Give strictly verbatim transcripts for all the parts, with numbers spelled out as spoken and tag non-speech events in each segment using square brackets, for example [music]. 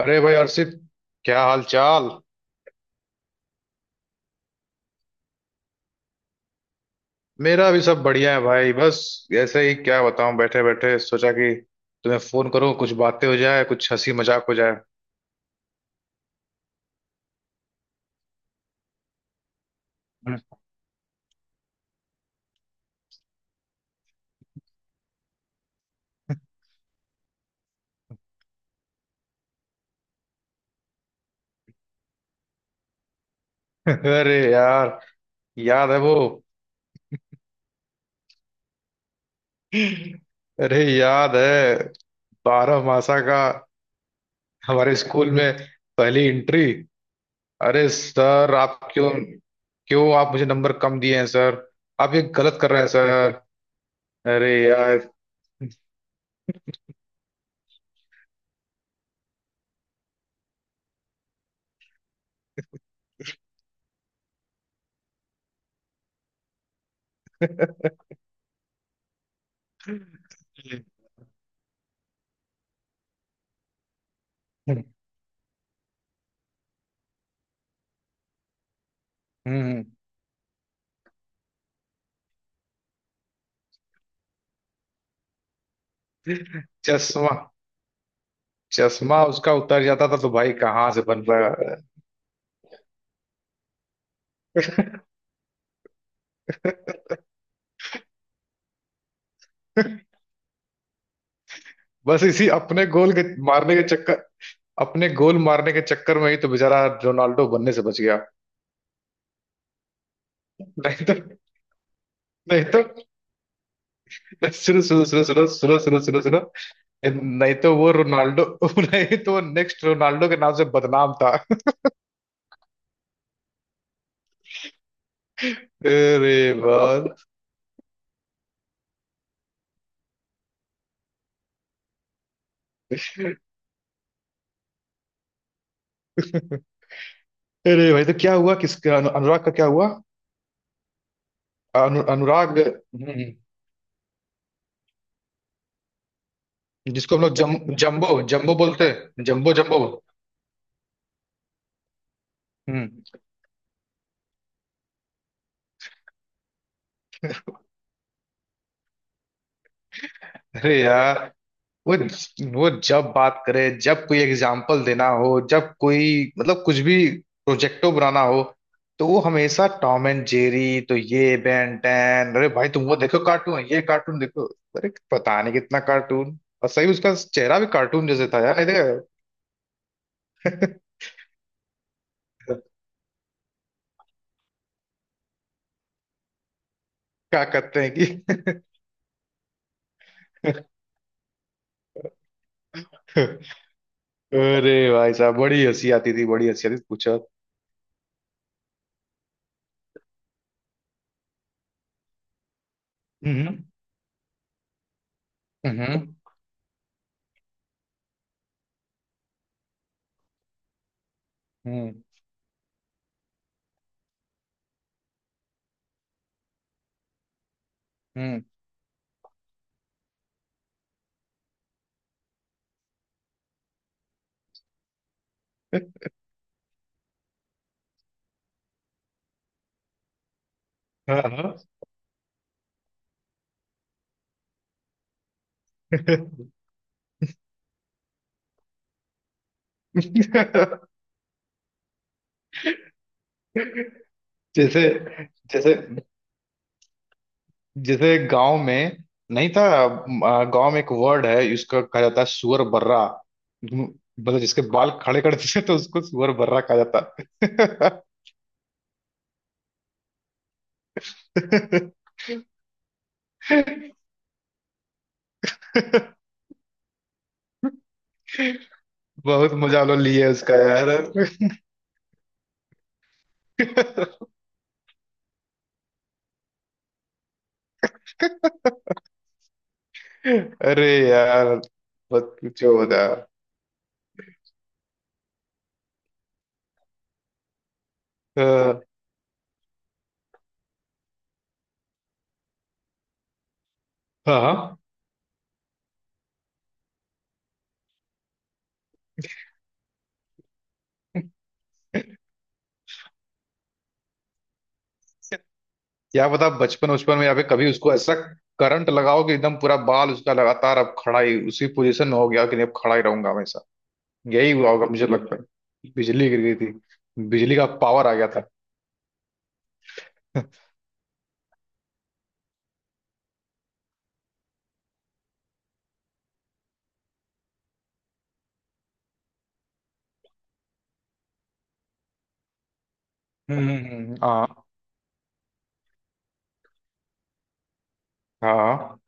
अरे भाई अर्षित, क्या हाल चाल। मेरा भी सब बढ़िया है भाई। बस ऐसे ही क्या बताऊं, बैठे बैठे सोचा कि तुम्हें फोन करूं, कुछ बातें हो जाए, कुछ हंसी मजाक हो जाए। [laughs] अरे यार, याद है वो? अरे याद है, बारह मासा का हमारे स्कूल में पहली एंट्री। अरे सर आप क्यों, क्यों आप मुझे नंबर कम दिए हैं सर। आप ये गलत कर रहे हैं सर। अरे यार। हम्म। हम्म। चश्मा। चश्मा उसका उतर जाता था, तो भाई कहाँ से बन पाया। बस इसी अपने गोल के मारने के चक्कर, अपने गोल मारने के चक्कर में ही तो बेचारा रोनाल्डो बनने से बच गया। नहीं तो। नहीं तो। सुनो सुनो सुनो सुनो सुनो सुनो सुनो सुनो। नहीं तो वो रोनाल्डो, नहीं तो वो नेक्स्ट रोनाल्डो के नाम से बदनाम था। अरे बात। अरे भाई तो क्या हुआ, किसका? अनु, अनुराग का क्या हुआ? अनु, अनुराग। हम्म। जिसको हम लोग जम, जम्बो जम्बो बोलते हैं, जम्बो जम्बो। हम्म। अरे यार। वो वो जब बात करे, जब कोई एग्जाम्पल देना हो, जब कोई मतलब कुछ भी प्रोजेक्टो बनाना हो, तो वो हमेशा टॉम एंड जेरी, तो ये बेन टेन, अरे भाई तुम वो देखो कार्टून, ये कार्टून देखो। अरे पता नहीं कितना कार्टून। और सही, उसका चेहरा भी कार्टून जैसे था यार। अरे। [laughs] क्या करते हैं कि। [laughs] अरे भाई साहब, बड़ी हंसी आती थी, बड़ी हंसी आती थी, पूछो। हम्म। हम्म। हम्म। हम्म। हाँ। हाँ। [laughs] जैसे, जैसे, जैसे गांव में नहीं था। अ, गांव में एक वर्ड है इसका, कहा जाता है सुअर बर्रा। मतलब जिसके बाल खड़े कर देते तो उसको सुअर बर्रा कहा जाता। [laughs] है। बहुत मजा लो लिए उसका यार। अरे यार मत पूछो बता। अ, हाँ। हाँ। क्या बता, बचपन बचपन में यहाँ पे कभी उसको ऐसा करंट लगाओ कि एकदम पूरा बाल उसका लगातार अब खड़ा ही उसी पोजीशन में हो गया कि नहीं, अब खड़ा ही रहूंगा। यही हुआ होगा मुझे लगता है, बिजली गिर गई थी, बिजली का पावर आ गया था। हम्म। हम्म। हम्म। हाँ। हाँ।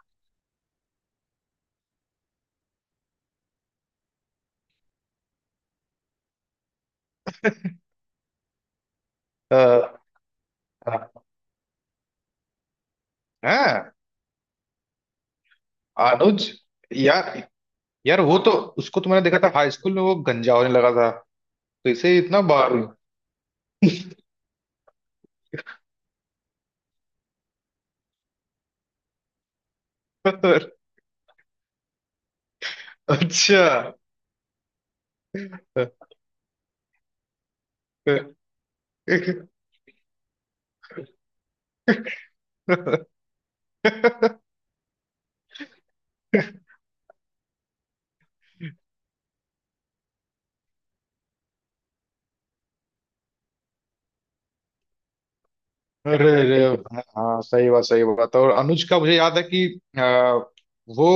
अ, हाँ। अनुज यार, यार वो तो, उसको तो मैंने देखा था हाई स्कूल में, वो गंजा होने लगा था। तो इसे इतना बार। अच्छा। अरे अरे। हाँ सही बात, सही बात। और अनुज का मुझे याद है कि अ, वो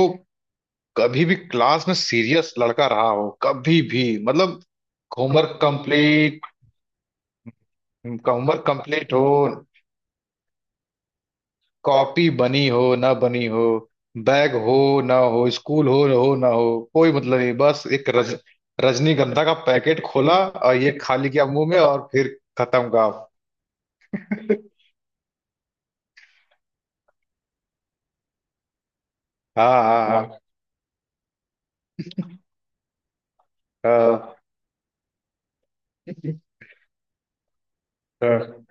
कभी भी क्लास में सीरियस लड़का रहा हो, कभी भी। मतलब होमवर्क कंप्लीट, होमवर्क कंप्लीट हो, कॉपी बनी हो ना बनी हो, बैग हो ना हो, स्कूल हो हो ना हो, कोई मतलब नहीं। बस एक रज, रजनीगंधा का पैकेट खोला और ये खा लिया मुंह में, और फिर खत्म काम। हाँ। हाँ। हाँ। हाँ। हाँ।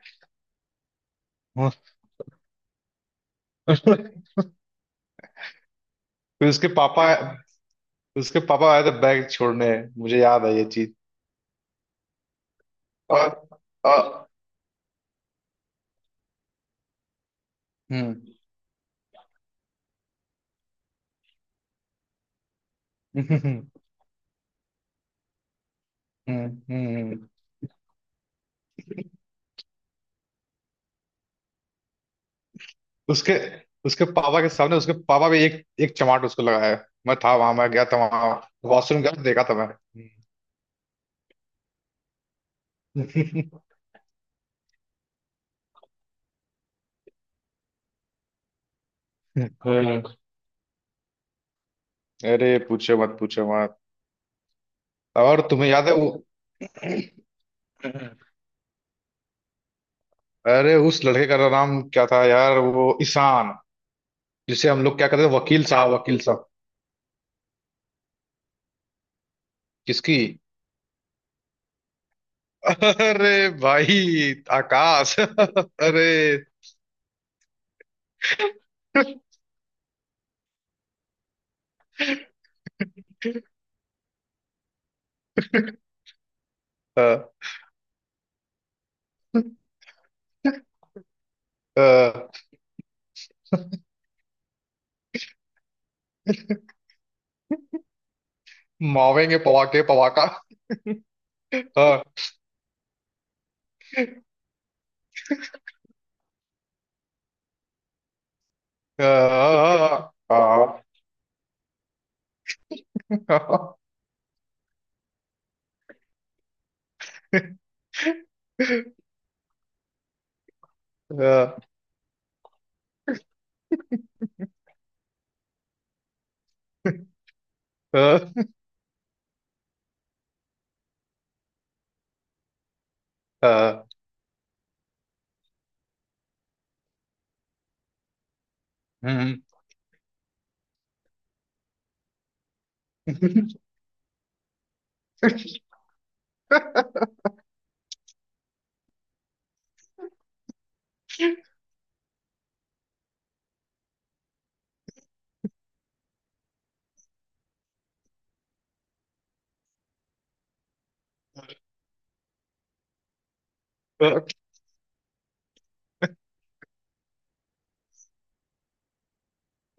फिर उसके पापा, उसके पापा आए थे बैग छोड़ने, मुझे याद है ये चीज। और, और हम्म। [laughs] हम्म। हम्म। हम्म। उसके उसके पापा के सामने उसके पापा भी एक एक चमाट उसको लगाया। मैं था वहां, मैं गया था वहां, वॉशरूम गया, देखा था मैंने। हम्म। अरे पूछो मत, पूछो मत। और तुम्हें याद है वो, अरे उस लड़के का नाम क्या था यार, वो ईशान, जिसे हम लोग क्या कहते थे, वकील साहब, वकील साहब। किसकी? अरे भाई आकाश। अरे। अ, अ, मावेंगे पवाके पवाका। हाँ। हाँ। हाँ। हाँ। [laughs] हाँ। हाँ। हाँ। हाँ। हम्म।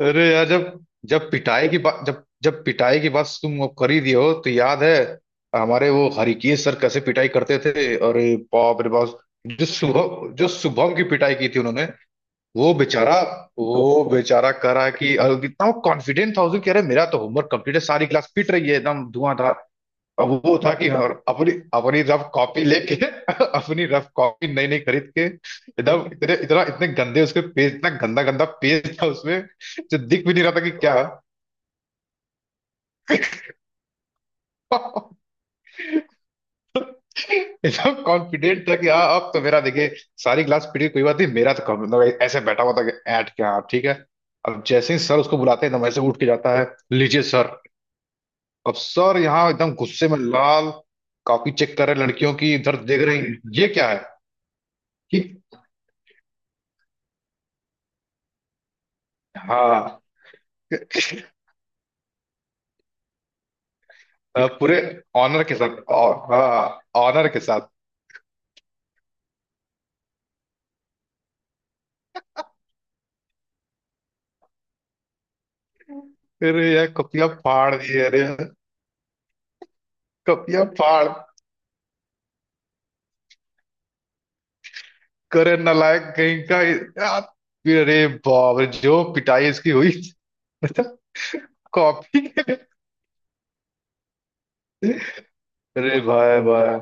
अरे यार, जब जब पिटाई की बात जब जब पिटाई की बात तुम अब कर ही दिए हो तो याद है हमारे वो हरिकेश सर कैसे पिटाई करते थे। अरे बाप रे बाप। जो शुभम जो शुभम की पिटाई की थी उन्होंने। वो बेचारा वो बेचारा करा कि, और कितना वो कॉन्फिडेंट था, उसको कह रहे मेरा तो होमवर्क कंप्लीट है, सारी क्लास पिट रही है एकदम धुआंधार। अब वो था कि हाँ, और अपनी अपनी रफ कॉपी लेके [laughs] अपनी रफ कॉपी नई नई खरीद के एकदम इतने इतना इतने गंदे, उसके पेज इतना गंदा गंदा पेज था उसमें, जो दिख भी नहीं रहा था कि क्या। [laughs] एकदम कॉन्फिडेंट था कि हाँ अब तो मेरा देखिए, सारी क्लास पीटी कोई बात नहीं, मेरा तो कम- मतलब ऐसे बैठा हुआ था कि ऐट क्या, हाँ, ठीक है। अब जैसे ही सर उसको बुलाते हैं एकदम ऐसे उठ के जाता है, लीजिए सर। अब सर यहाँ एकदम गुस्से में लाल, कॉपी चेक कर रहे हैं लड़कियों की, इधर देख रहे हैं ये क्या है। कि हाँ अ, पूरे ऑनर के साथ, ऑ- हाँ ऑनर के साथ। अरे यार कपिया फाड़ दी, अरे यार कपिया फाड़ करे नालायक कहीं का यार। अरे बाप रे जो पिटाई इसकी हुई, मतलब कॉपी के। अरे भाई भाई।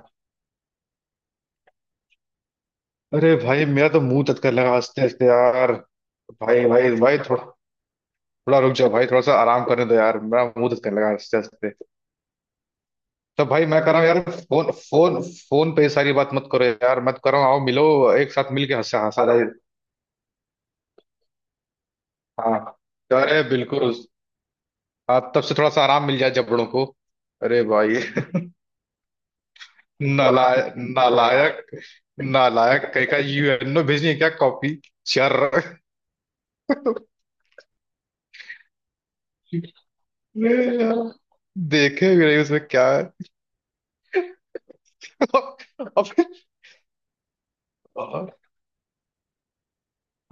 अरे भाई मेरा तो मुंह तत्कर लगा हंसते हंसते यार। भाई भाई भाई, थोड़ा थोड़ा रुक जाओ भाई, थोड़ा सा आराम करने दो यार, मेरा मुंह तत्कर लगा हंसते हंसते। तो भाई मैं कह रहा हूँ यार, फोन फोन फोन पे ये सारी बात मत करो यार, मत करो, आओ मिलो एक साथ मिलके हंसा हंसा। हाँ। अरे बिल्कुल। हाँ तब से थोड़ा सा आराम मिल जाए जबड़ों को। अरे भाई। [laughs] नालायक, नालायक, नालायक कहीं का, यूएनओ भेजनी है क्या कॉपी, चर। ये यार, देखे भी नहीं उसमें क्या है। [laughs] और फिर, और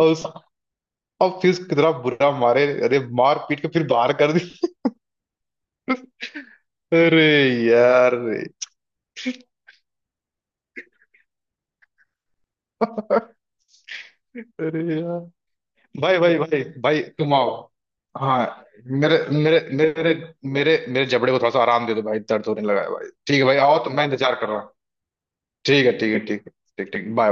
उस और फिर कितना बुरा मारे, अरे मार पीट के फिर बाहर कर दी। अरे यार। [laughs] अरे यार। भाई भाई भाई भाई तुम आओ। हाँ। मेरे मेरे मेरे मेरे मेरे जबड़े को थोड़ा सा आराम दे दो भाई, दर्द होने लगा है भाई, ठीक है भाई, आओ तो मैं इंतजार कर रहा हूँ। ठीक है। ठीक है। ठीक है। ठीक ठीक बाय।